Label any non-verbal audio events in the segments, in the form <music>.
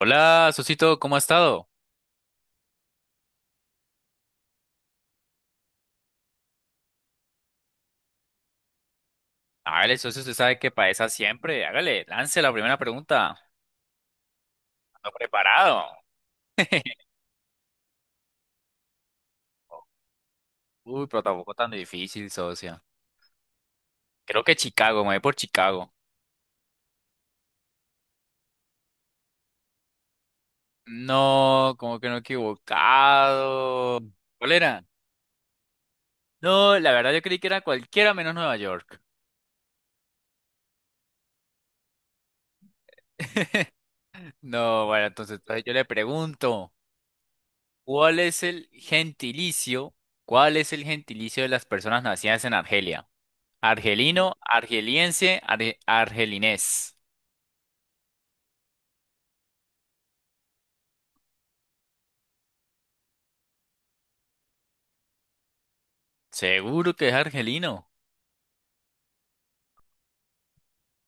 Hola, Socito, ¿cómo ha estado? Hágale, socio, usted sabe que para esa siempre. Hágale, lance la primera pregunta. Ando preparado. <laughs> Uy, pero tampoco tan difícil, socio. Creo que Chicago, me voy por Chicago. No, como que no he equivocado. ¿Cuál era? No, la verdad yo creí que era cualquiera menos Nueva York. <laughs> No, bueno, entonces yo le pregunto, ¿cuál es el gentilicio? ¿Cuál es el gentilicio de las personas nacidas en Argelia? Argelino, argeliense, argelinés. Seguro que es argelino.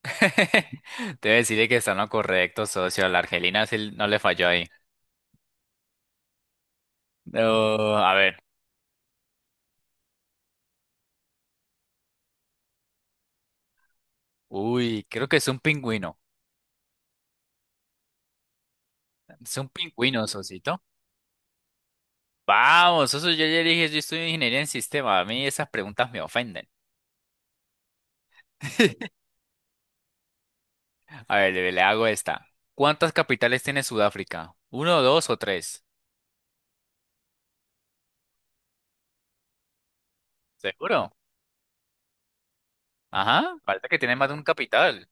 <laughs> Debe decirle que está en lo correcto, socio. La argelina sí no le falló ahí. No, a ver. Uy, creo que es un pingüino. Es un pingüino, socito. Vamos, socio, yo ya dije, yo estudio ingeniería en sistema. A mí esas preguntas me ofenden. <laughs> A ver, le hago esta. ¿Cuántas capitales tiene Sudáfrica? ¿Uno, dos o tres? ¿Seguro? Ajá, falta que tiene más de un capital.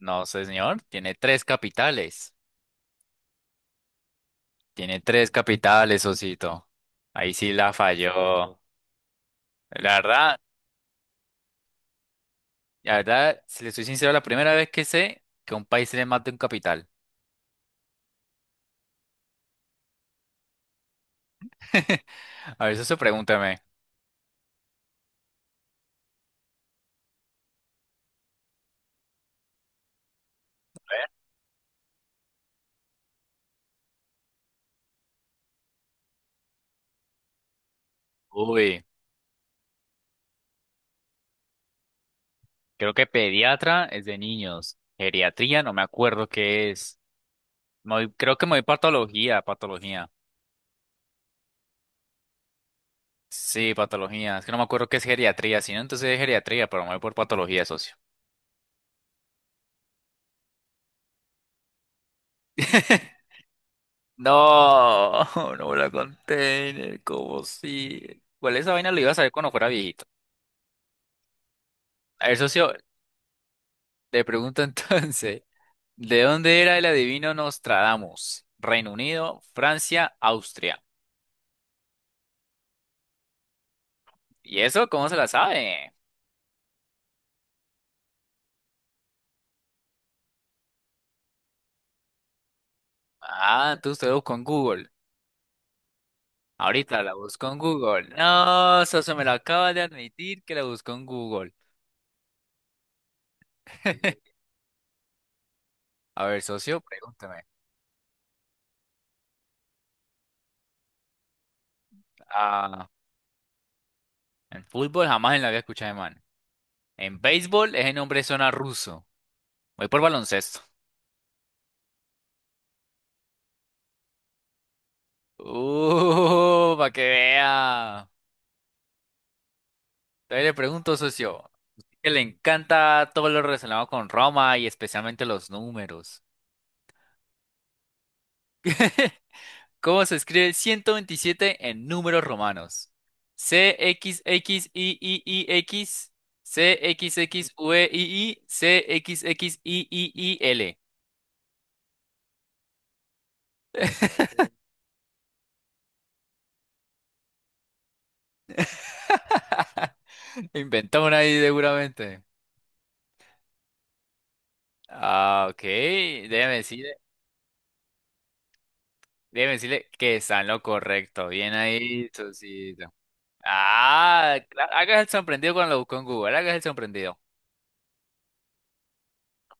No, señor, tiene tres capitales. Tiene tres capitales, Osito. Ahí sí la falló. No. La verdad, la verdad, si le soy sincero, la primera vez que sé que a un país se le mata un capital. <laughs> A ver, eso pregúntame. Uy, creo que pediatra es de niños. Geriatría, no me acuerdo qué es. Creo que me voy patología, patología. Sí, patología. Es que no me acuerdo qué es geriatría, si no entonces es geriatría, pero me voy por patología, socio. <laughs> No, <laughs> no me la container, como si. Bueno, esa vaina lo iba a saber cuando fuera viejito. A ver, socio, le pregunto <laughs> entonces, ¿de dónde era el adivino Nostradamus? Reino Unido, Francia, Austria. ¿Y eso cómo se la sabe? Ah, entonces usted lo buscó en Google. Ahorita la busco en Google. No, socio, me lo acaba de admitir que la busco en Google. <laughs> A ver, socio, pregúntame. Ah, en fútbol jamás en la había escuchado de man. En béisbol es el nombre zona ruso. Voy por baloncesto. Para que vea. Todavía le pregunto, socio, que le encanta todo lo relacionado con Roma y especialmente los números. ¿Cómo se escribe 127 en números romanos? CXXIIIX, CXXVII, CXXIIIL. <laughs> Inventó una ahí seguramente. Ah, ok, déjame decir. Déjeme decirle que está en lo correcto. Bien ahí, Sosito. Ah, claro, hagas el sorprendido cuando lo buscó en Google, hagas el sorprendido.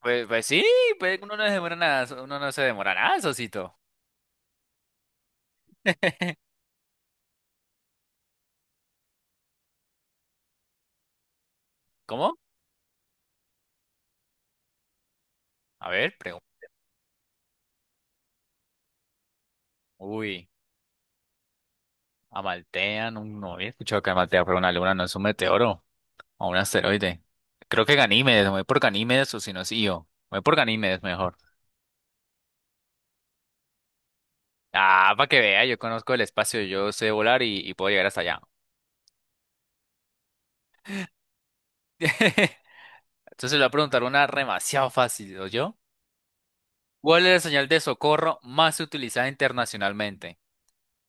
Pues sí, pues uno no se demora nada, uno no se demora nada, Sosito. <laughs> ¿Cómo? A ver, pregunta. Uy, Amaltea, no, no había escuchado que Amaltea fuera una luna, no es un meteoro o un asteroide. Creo que Ganímedes, me voy por Ganímedes o si no es Io. Me voy por Ganímedes mejor. Ah, para que vea, yo conozco el espacio, yo sé volar y puedo llegar hasta allá. <laughs> Entonces le voy a preguntar una demasiado fácil, yo? ¿Cuál es la señal de socorro más utilizada internacionalmente?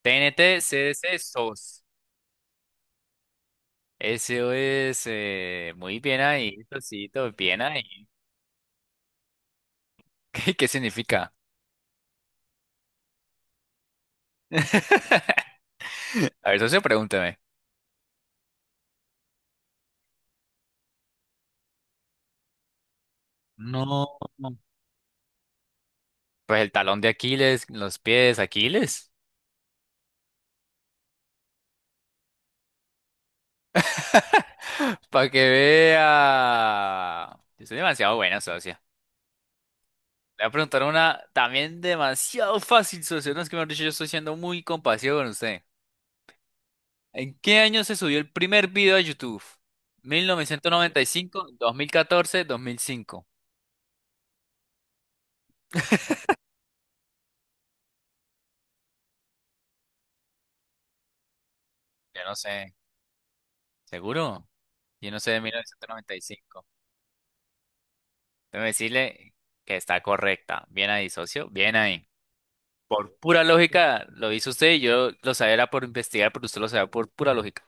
T T N T, C TNT, CDC, SOS. SOS. Muy bien ahí, Sosito, bien ahí. <laughs> ¿Qué, qué significa? <laughs> A ver, socio, pregúnteme. No. Pues el talón de Aquiles, los pies, Aquiles. <gasps> <laughs> Para que vea. Yo soy demasiado buena, socia. Le voy a preguntar una también demasiado fácil, socio. No es que me han dicho, yo estoy siendo muy compasivo con usted. ¿En qué año se subió el primer video a YouTube? 1995, 2014, 2005. Yo no sé, ¿seguro? Yo no sé de 1995. Déjame decirle que está correcta. Bien ahí, socio, bien ahí. Pura lógica, lo hizo usted y yo lo sabía era por investigar, pero usted lo sabía por pura lógica.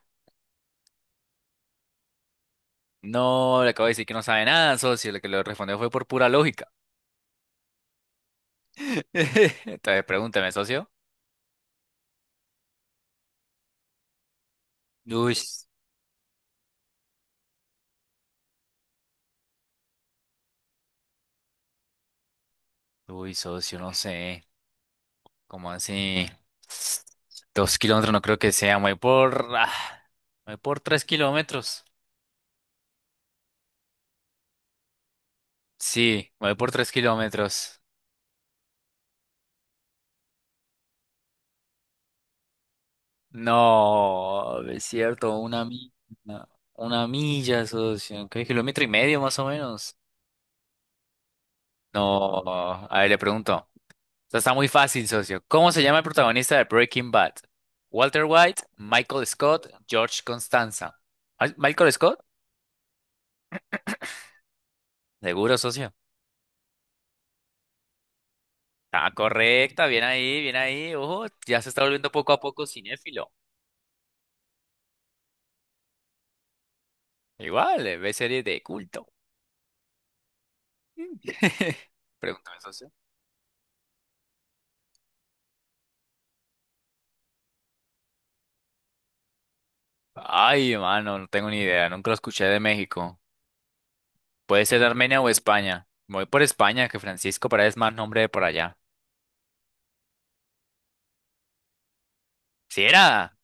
No, le acabo de decir que no sabe nada, socio. Lo que le respondió fue por pura lógica. <laughs> Entonces, pregúnteme, socio. Uy, uy, socio, no sé. Como así, 2 kilómetros no creo que sea. Me voy por, ah, me voy por 3 kilómetros. Sí, me voy por tres kilómetros. No, es cierto, una milla, socio. ¿Qué kilómetro y medio más o menos? No, a ver, le pregunto. Esta está muy fácil, socio. ¿Cómo se llama el protagonista de Breaking Bad? Walter White, Michael Scott, George Constanza. ¿Michael Scott? Seguro, socio. Ah, correcta, bien ahí, bien ahí. Ojo, ya se está volviendo poco a poco cinéfilo. Igual, ve series de culto. Mm. <laughs> Pregúntame, socio. Ay, mano, no tengo ni idea, nunca lo escuché de México. Puede ser de Armenia o España. Me Voy por España, que Francisco Paredes más nombre de por allá. ¿Sí era?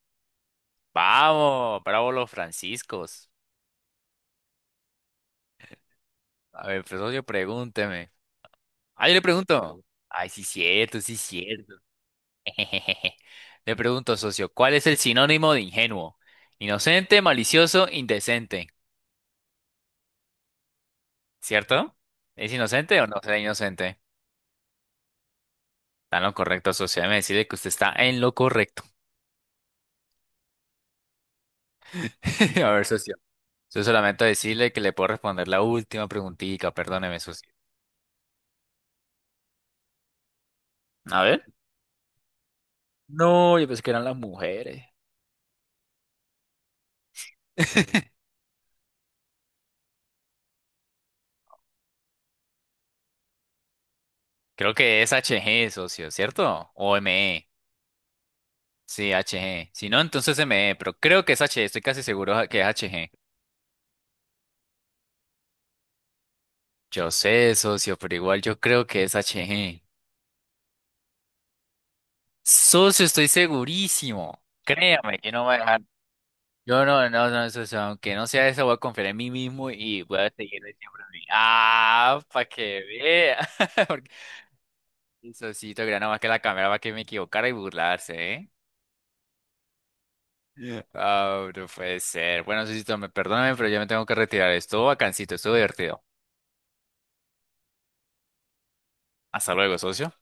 Vamos, bravo los franciscos. A ver, pues, socio, pregúnteme. Ah, yo le pregunto. Ay, sí, cierto, sí, cierto. <laughs> Le pregunto, socio, ¿cuál es el sinónimo de ingenuo? Inocente, malicioso, indecente. ¿Cierto? ¿Es inocente o no será inocente? Está en lo correcto, socio. Déjeme decirle que usted está en lo correcto. <laughs> A ver, socio. Yo solamente decirle que le puedo responder la última preguntita. Perdóneme, socio. A ver. No, yo pensé que eran las mujeres. <laughs> Creo que es HG, socio, ¿cierto? O ME. Sí, HG. Si no, entonces ME, pero creo que es HG. Estoy casi seguro que es HG. Yo sé, socio, pero igual yo creo que es HG. Socio, estoy segurísimo. Créame que no va a dejar. Yo no, no, no, socio, aunque no sea eso, voy a confiar en mí mismo y voy a seguir de siempre en mí. Ah, para que vea. <laughs> Porque el socito quería nada más que la cámara para que me equivocara y burlarse, ¿eh? Ah, no puede ser. Bueno, socito, me perdóname, pero ya me tengo que retirar. Estuvo bacancito, estuvo divertido. Hasta luego, socio.